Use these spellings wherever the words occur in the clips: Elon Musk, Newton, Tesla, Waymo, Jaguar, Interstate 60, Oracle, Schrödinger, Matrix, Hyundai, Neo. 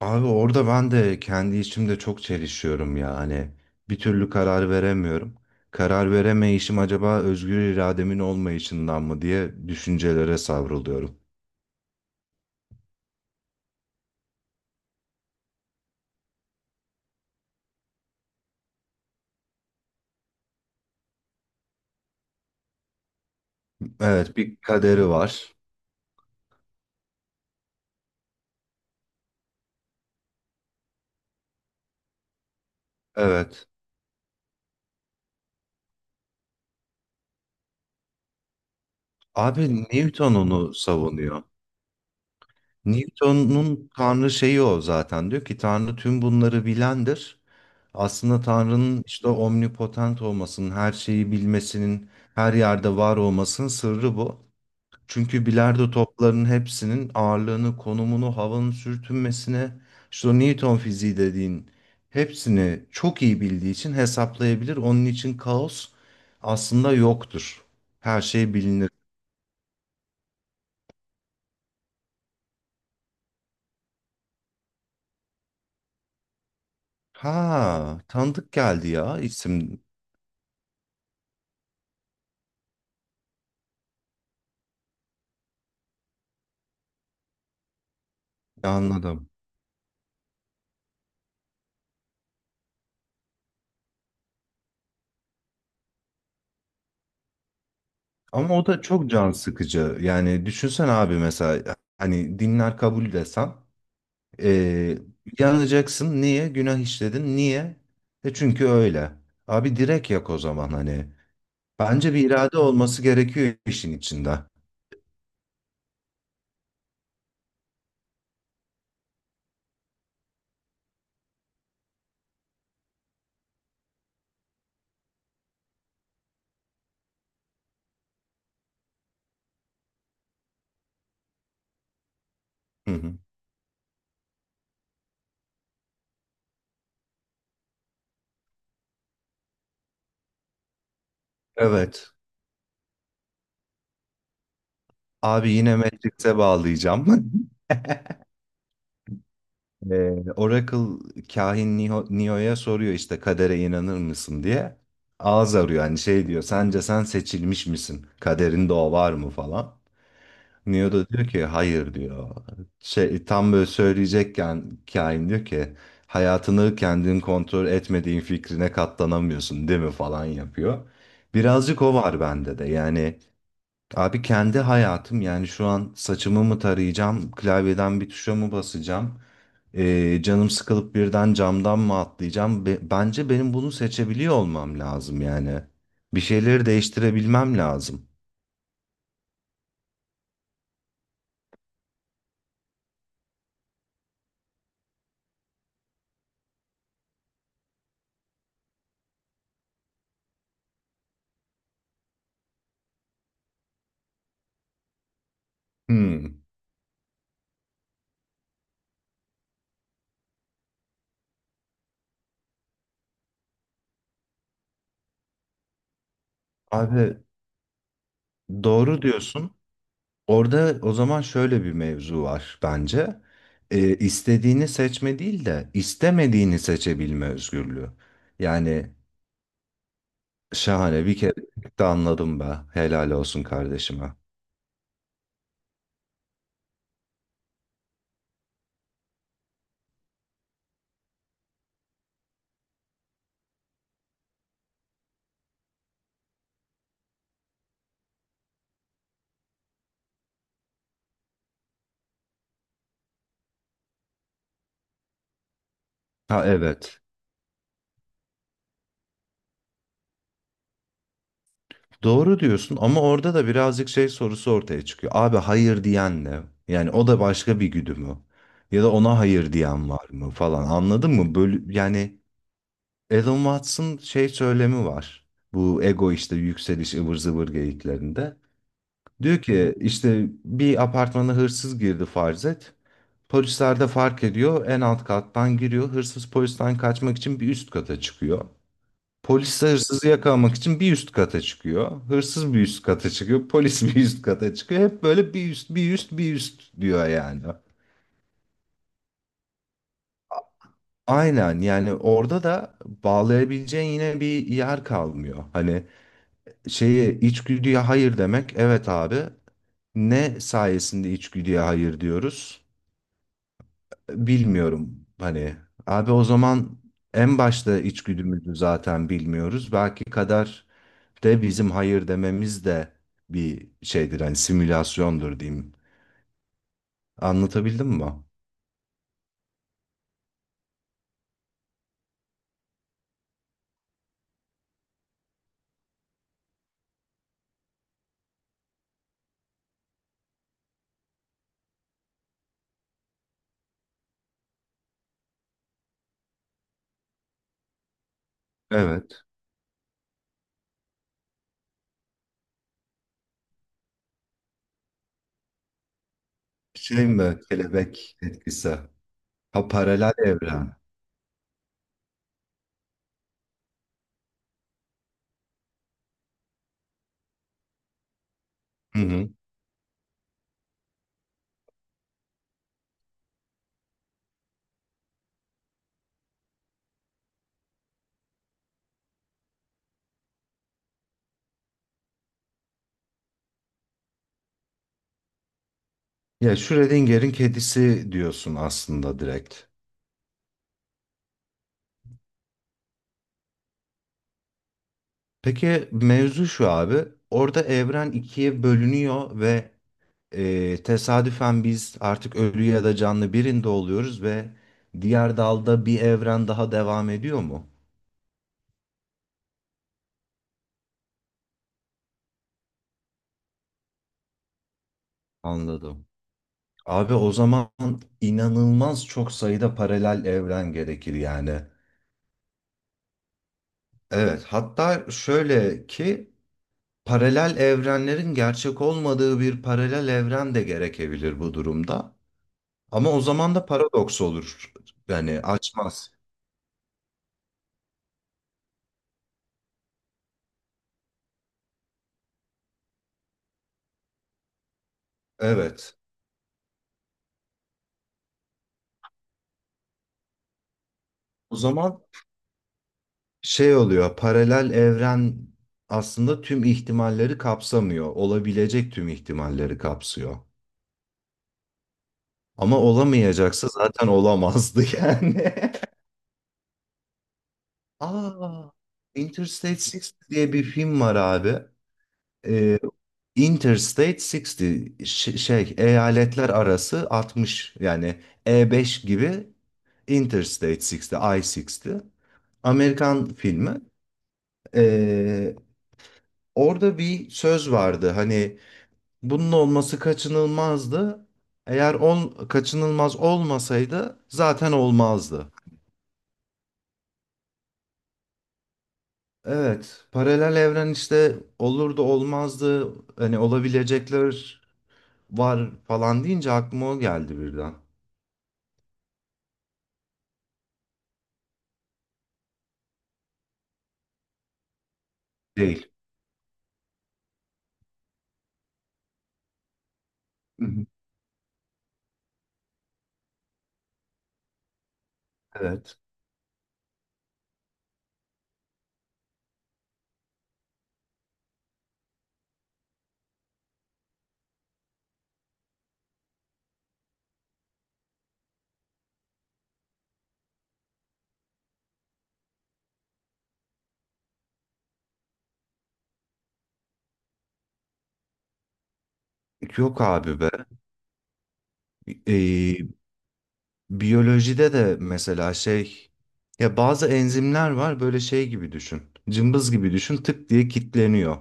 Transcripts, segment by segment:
Abi orada ben de kendi içimde çok çelişiyorum ya. Hani bir türlü karar veremiyorum. Karar veremeyişim acaba özgür irademin olmayışından mı diye düşüncelere savruluyorum. Evet, bir kaderi var. Evet. Abi Newton onu savunuyor. Newton'un Tanrı şeyi o zaten. Diyor ki Tanrı tüm bunları bilendir. Aslında Tanrı'nın işte omnipotent olmasının, her şeyi bilmesinin, her yerde var olmasının sırrı bu. Çünkü bilardo toplarının hepsinin ağırlığını, konumunu, havanın sürtünmesine, işte o Newton fiziği dediğin hepsini çok iyi bildiği için hesaplayabilir. Onun için kaos aslında yoktur. Her şey bilinir. Ha, tanıdık geldi ya isim. Anladım. Ama o da çok can sıkıcı. Yani düşünsen abi mesela hani dinler kabul desen Ee, yanacaksın. Niye? Günah işledin. Niye? E çünkü öyle. Abi direkt yak o zaman hani. Bence bir irade olması gerekiyor işin içinde. Hı hı. Evet. Abi yine Matrix'e bağlayacağım. Ee, Oracle kahin Neo, Neo'ya soruyor işte kadere inanır mısın diye. Ağız arıyor hani şey diyor sence sen seçilmiş misin? Kaderinde o var mı falan. Neo da diyor ki hayır diyor. Şey, tam böyle söyleyecekken kahin diyor ki hayatını kendin kontrol etmediğin fikrine katlanamıyorsun değil mi falan yapıyor. Birazcık o var bende de yani. Abi kendi hayatım yani şu an saçımı mı tarayacağım, klavyeden bir tuşa mı basacağım, canım sıkılıp birden camdan mı atlayacağım? Bence benim bunu seçebiliyor olmam lazım yani. Bir şeyleri değiştirebilmem lazım. Hmm. Abi doğru diyorsun. Orada o zaman şöyle bir mevzu var bence. İstediğini seçme değil de istemediğini seçebilme özgürlüğü. Yani şahane bir kere de anladım be. Helal olsun kardeşime. Ha evet. Doğru diyorsun ama orada da birazcık şey sorusu ortaya çıkıyor. Abi hayır diyen ne? Yani o da başka bir güdü mü? Ya da ona hayır diyen var mı falan anladın mı? Böyle, yani Elon Musk'ın şey söylemi var. Bu ego işte yükseliş ıvır zıvır geyiklerinde. Diyor ki işte bir apartmana hırsız girdi farz et. Polisler de fark ediyor en alt kattan giriyor. Hırsız polisten kaçmak için bir üst kata çıkıyor. Polis de hırsızı yakalamak için bir üst kata çıkıyor. Hırsız bir üst kata çıkıyor. Polis bir üst kata çıkıyor. Hep böyle bir üst, bir üst, bir üst diyor yani. Aynen, yani orada da bağlayabileceğin yine bir yer kalmıyor. Hani şeye içgüdüye hayır demek evet abi. Ne sayesinde içgüdüye hayır diyoruz? Bilmiyorum. Hani abi o zaman en başta içgüdümüzü zaten bilmiyoruz. Belki kader de bizim hayır dememiz de bir şeydir, hani simülasyondur diyeyim. Anlatabildim mi? Evet. Şey mi? Kelebek etkisi. Ha, paralel evren. Hı hı. Ya Schrödinger'in kedisi diyorsun aslında direkt. Peki mevzu şu abi. Orada evren ikiye bölünüyor ve tesadüfen biz artık ölü ya da canlı birinde oluyoruz ve diğer dalda bir evren daha devam ediyor mu? Anladım. Abi o zaman inanılmaz çok sayıda paralel evren gerekir yani. Evet, hatta şöyle ki paralel evrenlerin gerçek olmadığı bir paralel evren de gerekebilir bu durumda. Ama o zaman da paradoks olur. Yani açmaz. Evet. O zaman şey oluyor. Paralel evren aslında tüm ihtimalleri kapsamıyor. Olabilecek tüm ihtimalleri kapsıyor. Ama olamayacaksa zaten olamazdı yani. Aa, Interstate 60 diye bir film var abi. Interstate 60, şey, eyaletler arası 60 yani, E5 gibi. Interstate 60, I-60, Amerikan filmi. Ee, Orada bir söz vardı hani bunun olması kaçınılmazdı. Eğer kaçınılmaz olmasaydı zaten olmazdı. Evet, paralel evren işte olur da olmazdı. Hani olabilecekler var falan deyince aklıma o geldi birden. Değil. Hı hı. Evet. Yok abi be. Ee, Biyolojide de mesela şey, ya bazı enzimler var, böyle şey gibi düşün. Cımbız gibi düşün, tık diye kilitleniyor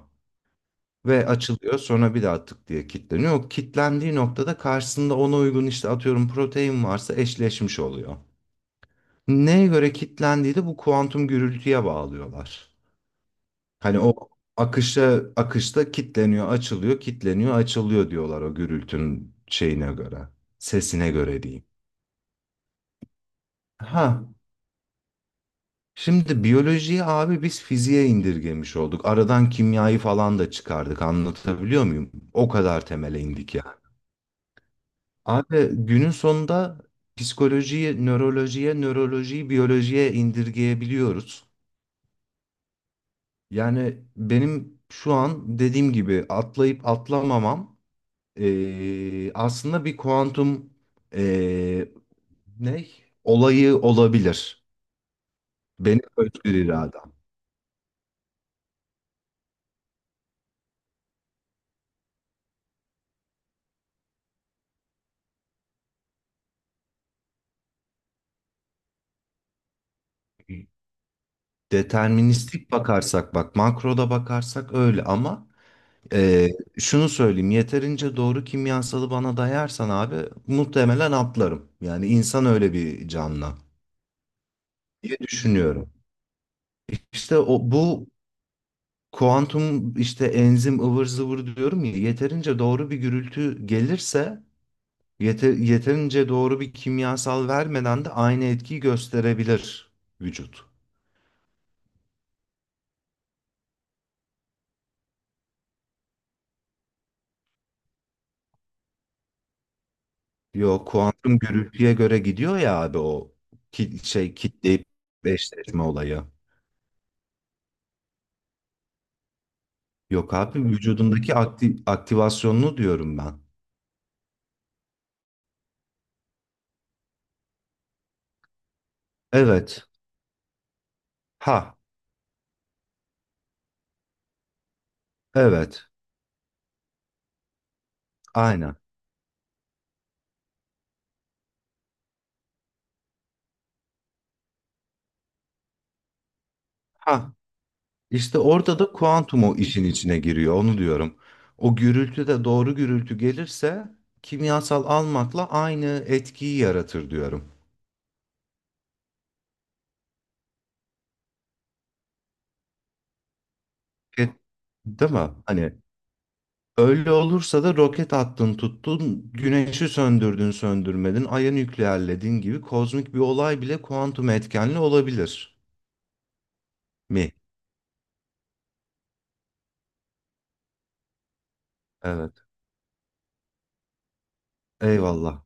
ve açılıyor, sonra bir daha tık diye kilitleniyor. O kilitlendiği noktada karşısında ona uygun işte atıyorum protein varsa eşleşmiş oluyor. Neye göre kilitlendiği de bu kuantum gürültüye bağlıyorlar. Hani o akışta kitleniyor, açılıyor, kitleniyor, açılıyor diyorlar o gürültünün şeyine göre, sesine göre diyeyim. Ha, şimdi biyolojiyi abi biz fiziğe indirgemiş olduk. Aradan kimyayı falan da çıkardık. Anlatabiliyor muyum? O kadar temele indik ya. Abi günün sonunda psikolojiyi nörolojiye, nörolojiyi biyolojiye indirgeyebiliyoruz. Yani benim şu an dediğim gibi atlayıp atlamamam aslında bir kuantum ee, ne olayı olabilir. Benim özgür iradem. Deterministik bakarsak, bak makroda bakarsak öyle ama ee, şunu söyleyeyim, yeterince doğru kimyasalı bana dayarsan abi muhtemelen atlarım. Yani insan öyle bir canlı diye düşünüyorum. İşte o bu kuantum işte enzim ıvır zıvır diyorum ya, yeterince doğru bir gürültü gelirse yeterince doğru bir kimyasal vermeden de aynı etkiyi gösterebilir vücut. Yo, kuantum gürültüye göre gidiyor ya abi, o şey, kitleyip eşleşme olayı. Yok abi, vücudundaki aktivasyonunu diyorum ben. Evet. Ha. Evet. Aynen. Ha. İşte orada da kuantum o işin içine giriyor. Onu diyorum. O gürültü de doğru gürültü gelirse kimyasal almakla aynı etkiyi yaratır diyorum. E, değil mi? Hani öyle olursa da roket attın tuttun, güneşi söndürdün söndürmedin, ayı nükleerledin gibi kozmik bir olay bile kuantum etkenli olabilir mi? Evet. Eyvallah.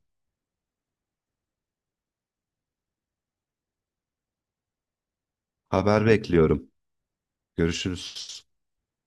Haber bekliyorum. Görüşürüz.